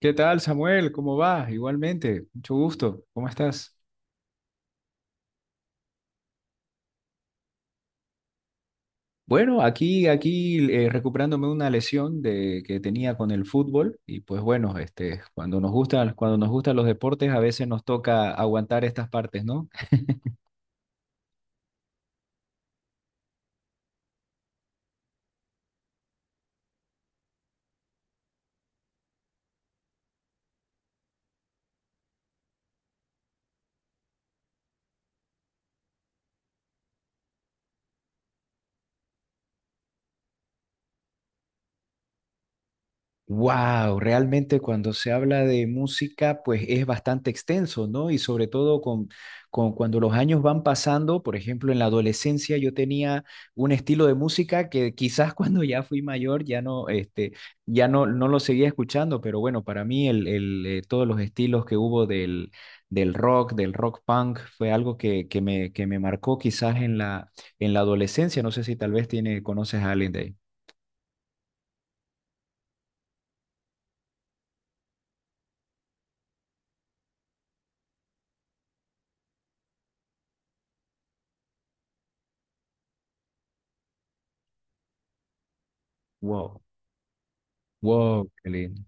¿Qué tal, Samuel? ¿Cómo vas? Igualmente, mucho gusto. ¿Cómo estás? Bueno, aquí recuperándome una lesión de, que tenía con el fútbol y pues bueno, este, cuando nos gustan los deportes, a veces nos toca aguantar estas partes, ¿no? Wow, realmente cuando se habla de música, pues es bastante extenso, ¿no? Y sobre todo con cuando los años van pasando, por ejemplo, en la adolescencia yo tenía un estilo de música que quizás cuando ya fui mayor ya no, este, ya no, no lo seguía escuchando, pero bueno, para mí todos los estilos que hubo del rock, del rock punk, fue algo que me marcó quizás en la adolescencia. No sé si tal vez tiene, conoces a alguien de ahí. Wow, wow, qué lindo.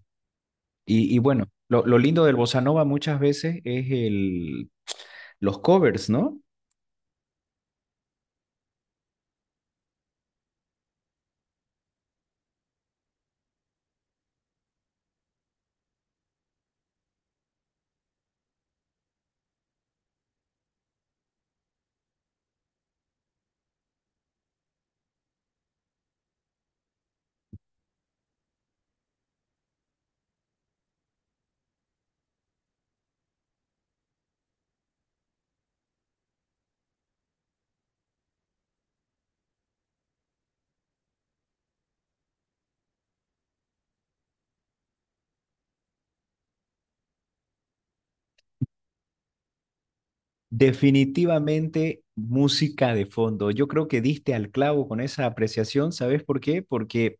Y bueno, lo lindo del bossa nova muchas veces es el, los covers, ¿no? Definitivamente música de fondo. Yo creo que diste al clavo con esa apreciación, ¿sabes por qué? Porque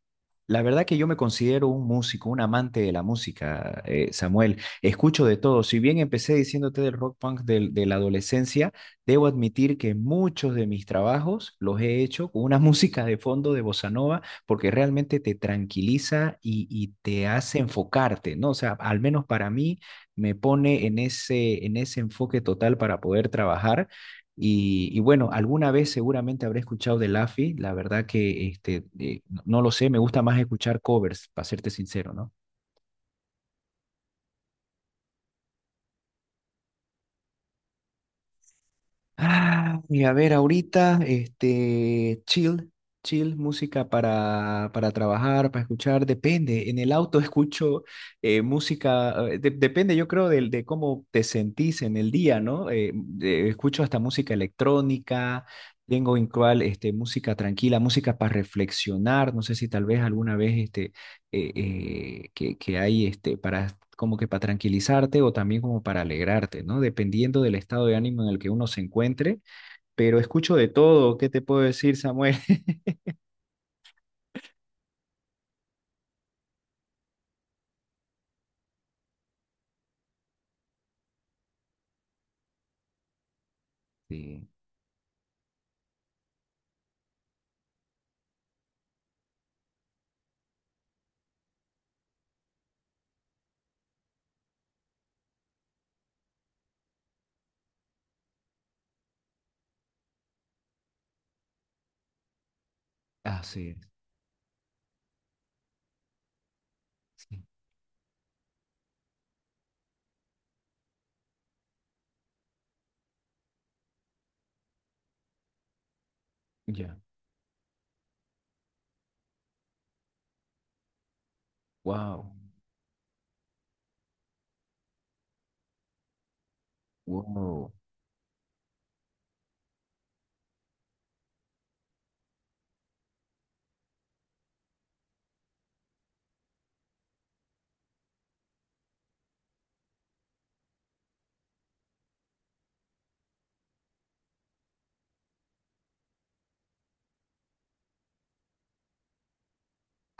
la verdad que yo me considero un músico, un amante de la música, Samuel. Escucho de todo. Si bien empecé diciéndote del rock punk del- de la adolescencia, debo admitir que muchos de mis trabajos los he hecho con una música de fondo de bossa nova, porque realmente te tranquiliza y te hace enfocarte, ¿no? O sea, al menos para mí me pone en ese enfoque total para poder trabajar. Y, bueno, alguna vez seguramente habré escuchado de Laffy, la verdad que este, no lo sé, me gusta más escuchar covers, para serte sincero, ¿no? Ah, y a ver, ahorita, este, chill, chill, música para trabajar, para escuchar, depende. En el auto escucho música, de- depende, yo creo, del de cómo te sentís en el día, ¿no? De- escucho hasta música electrónica, tengo en cual, este, música tranquila, música para reflexionar. No sé si tal vez alguna vez, este, que hay este, para, como que para tranquilizarte o también como para alegrarte, ¿no? Dependiendo del estado de ánimo en el que uno se encuentre, pero escucho de todo, ¿qué te puedo decir, Samuel? Sí, así es. Sí. Ya. Wow. Wow.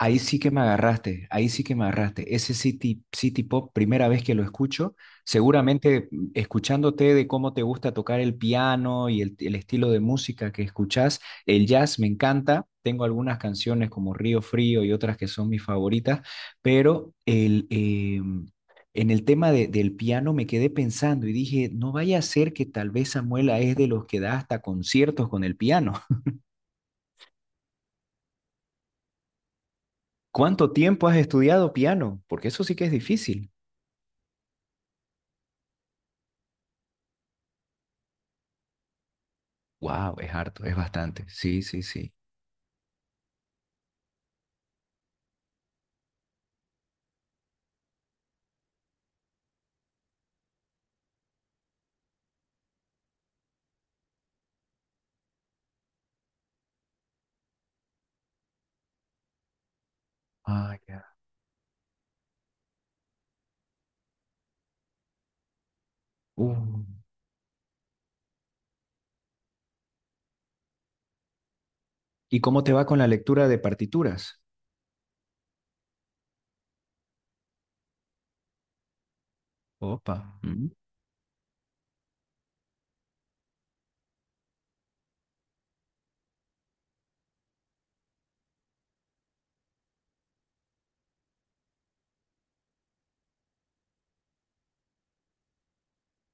Ahí sí que me agarraste, ahí sí que me agarraste. Ese City, City Pop, primera vez que lo escucho, seguramente mm, escuchándote de cómo te gusta tocar el piano y el estilo de música que escuchás, el jazz me encanta, tengo algunas canciones como Río Frío y otras que son mis favoritas, pero el, en el tema de- del piano me quedé pensando y dije, no vaya a ser que tal vez Samuela es de los que da hasta conciertos con el piano. ¿Cuánto tiempo has estudiado piano? Porque eso sí que es difícil. Wow, es harto, es bastante. Sí, sí, sí. Ah, ya. Uh, ¿y cómo te va con la lectura de partituras? Opa.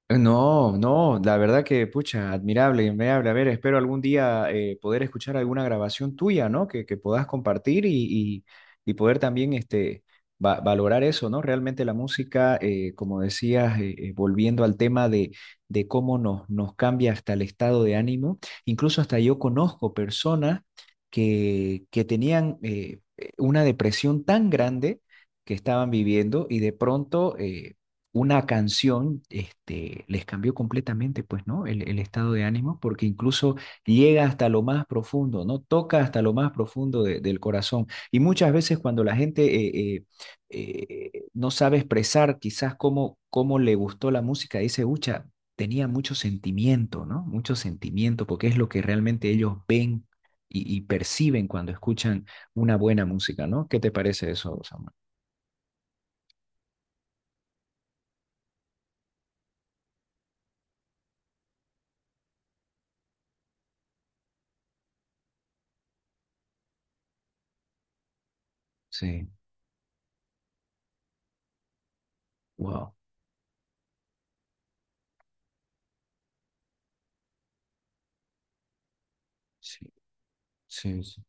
No, no, la verdad que, pucha, admirable, admirable. A ver, espero algún día poder escuchar alguna grabación tuya, ¿no? Que puedas compartir y- y poder también este, va- valorar eso, ¿no? Realmente la música, como decías, volviendo al tema de cómo nos, nos cambia hasta el estado de ánimo, incluso hasta yo conozco personas que tenían una depresión tan grande que estaban viviendo y de pronto... una canción este, les cambió completamente, pues, ¿no? El estado de ánimo, porque incluso llega hasta lo más profundo, ¿no? Toca hasta lo más profundo de- del corazón. Y muchas veces cuando la gente eh, eh, no sabe expresar quizás cómo, cómo le gustó la música, dice, ucha, tenía mucho sentimiento, ¿no? Mucho sentimiento, porque es lo que realmente ellos ven y perciben cuando escuchan una buena música, ¿no? ¿Qué te parece eso, Samuel? Sí, wow. Sí, sí, sí,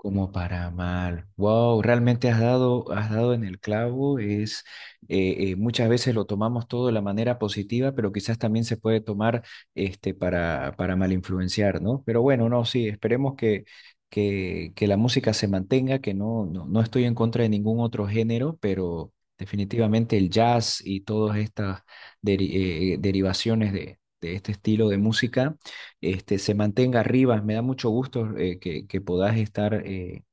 como para mal. Wow, realmente has dado en el clavo. Es muchas veces lo tomamos todo de la manera positiva, pero quizás también se puede tomar este para mal influenciar, ¿no? Pero bueno, no, sí, esperemos que la música se mantenga, que no, no, no estoy en contra de ningún otro género, pero definitivamente el jazz y todas estas deri- derivaciones de este estilo de música este, se mantenga arriba. Me da mucho gusto que puedas estar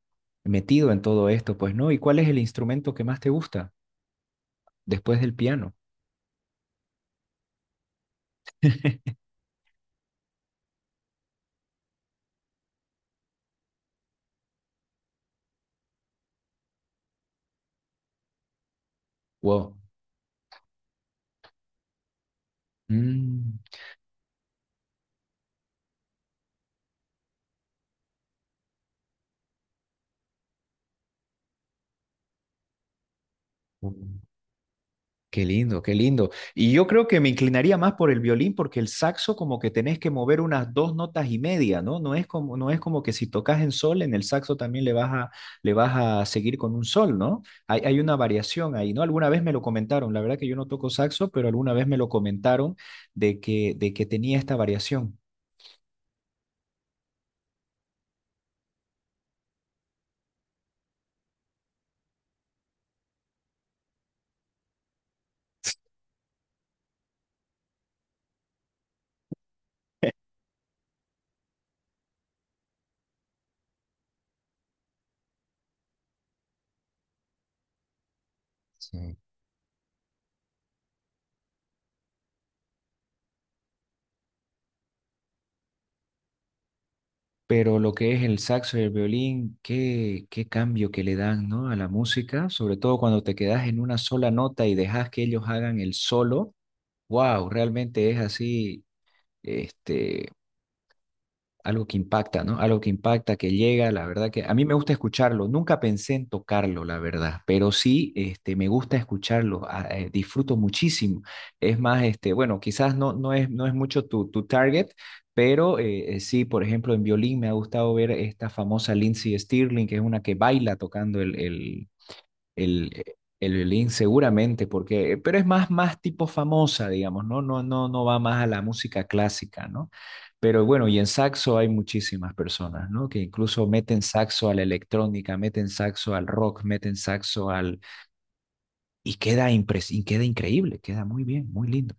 metido en todo esto, pues, ¿no? ¿Y cuál es el instrumento que más te gusta después del piano? Wow. Mm. Mm. Qué lindo, qué lindo. Y yo creo que me inclinaría más por el violín porque el saxo como que tenés que mover unas dos notas y media, ¿no? No es como, no es como que si tocas en sol, en el saxo también le vas a seguir con un sol, ¿no? Hay una variación ahí, ¿no? Alguna vez me lo comentaron, la verdad que yo no toco saxo, pero alguna vez me lo comentaron de que tenía esta variación. Sí. Pero lo que es el saxo y el violín, qué, qué cambio que le dan, ¿no? A la música, sobre todo cuando te quedas en una sola nota y dejas que ellos hagan el solo. Wow, realmente es así, este, algo que impacta, ¿no? Algo que impacta, que llega, la verdad que a mí me gusta escucharlo. Nunca pensé en tocarlo, la verdad, pero sí, este, me gusta escucharlo, a- disfruto muchísimo. Es más, este, bueno, quizás no, no es, no es mucho tu, tu target, pero sí, por ejemplo, en violín me ha gustado ver esta famosa Lindsey Stirling, que es una que baila tocando el, el violín seguramente, porque, pero es más, más tipo famosa, digamos, ¿no? No, no, no va más a la música clásica, ¿no? Pero bueno, y en saxo hay muchísimas personas, ¿no? Que incluso meten saxo a la electrónica, meten saxo al rock, meten saxo al... Y queda, impres... y queda increíble, queda muy bien, muy lindo.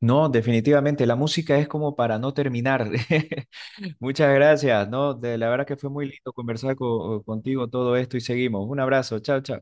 No, definitivamente, la música es como para no terminar. Muchas gracias, ¿no? De, la verdad que fue muy lindo conversar co- contigo todo esto y seguimos. Un abrazo, chao, chao.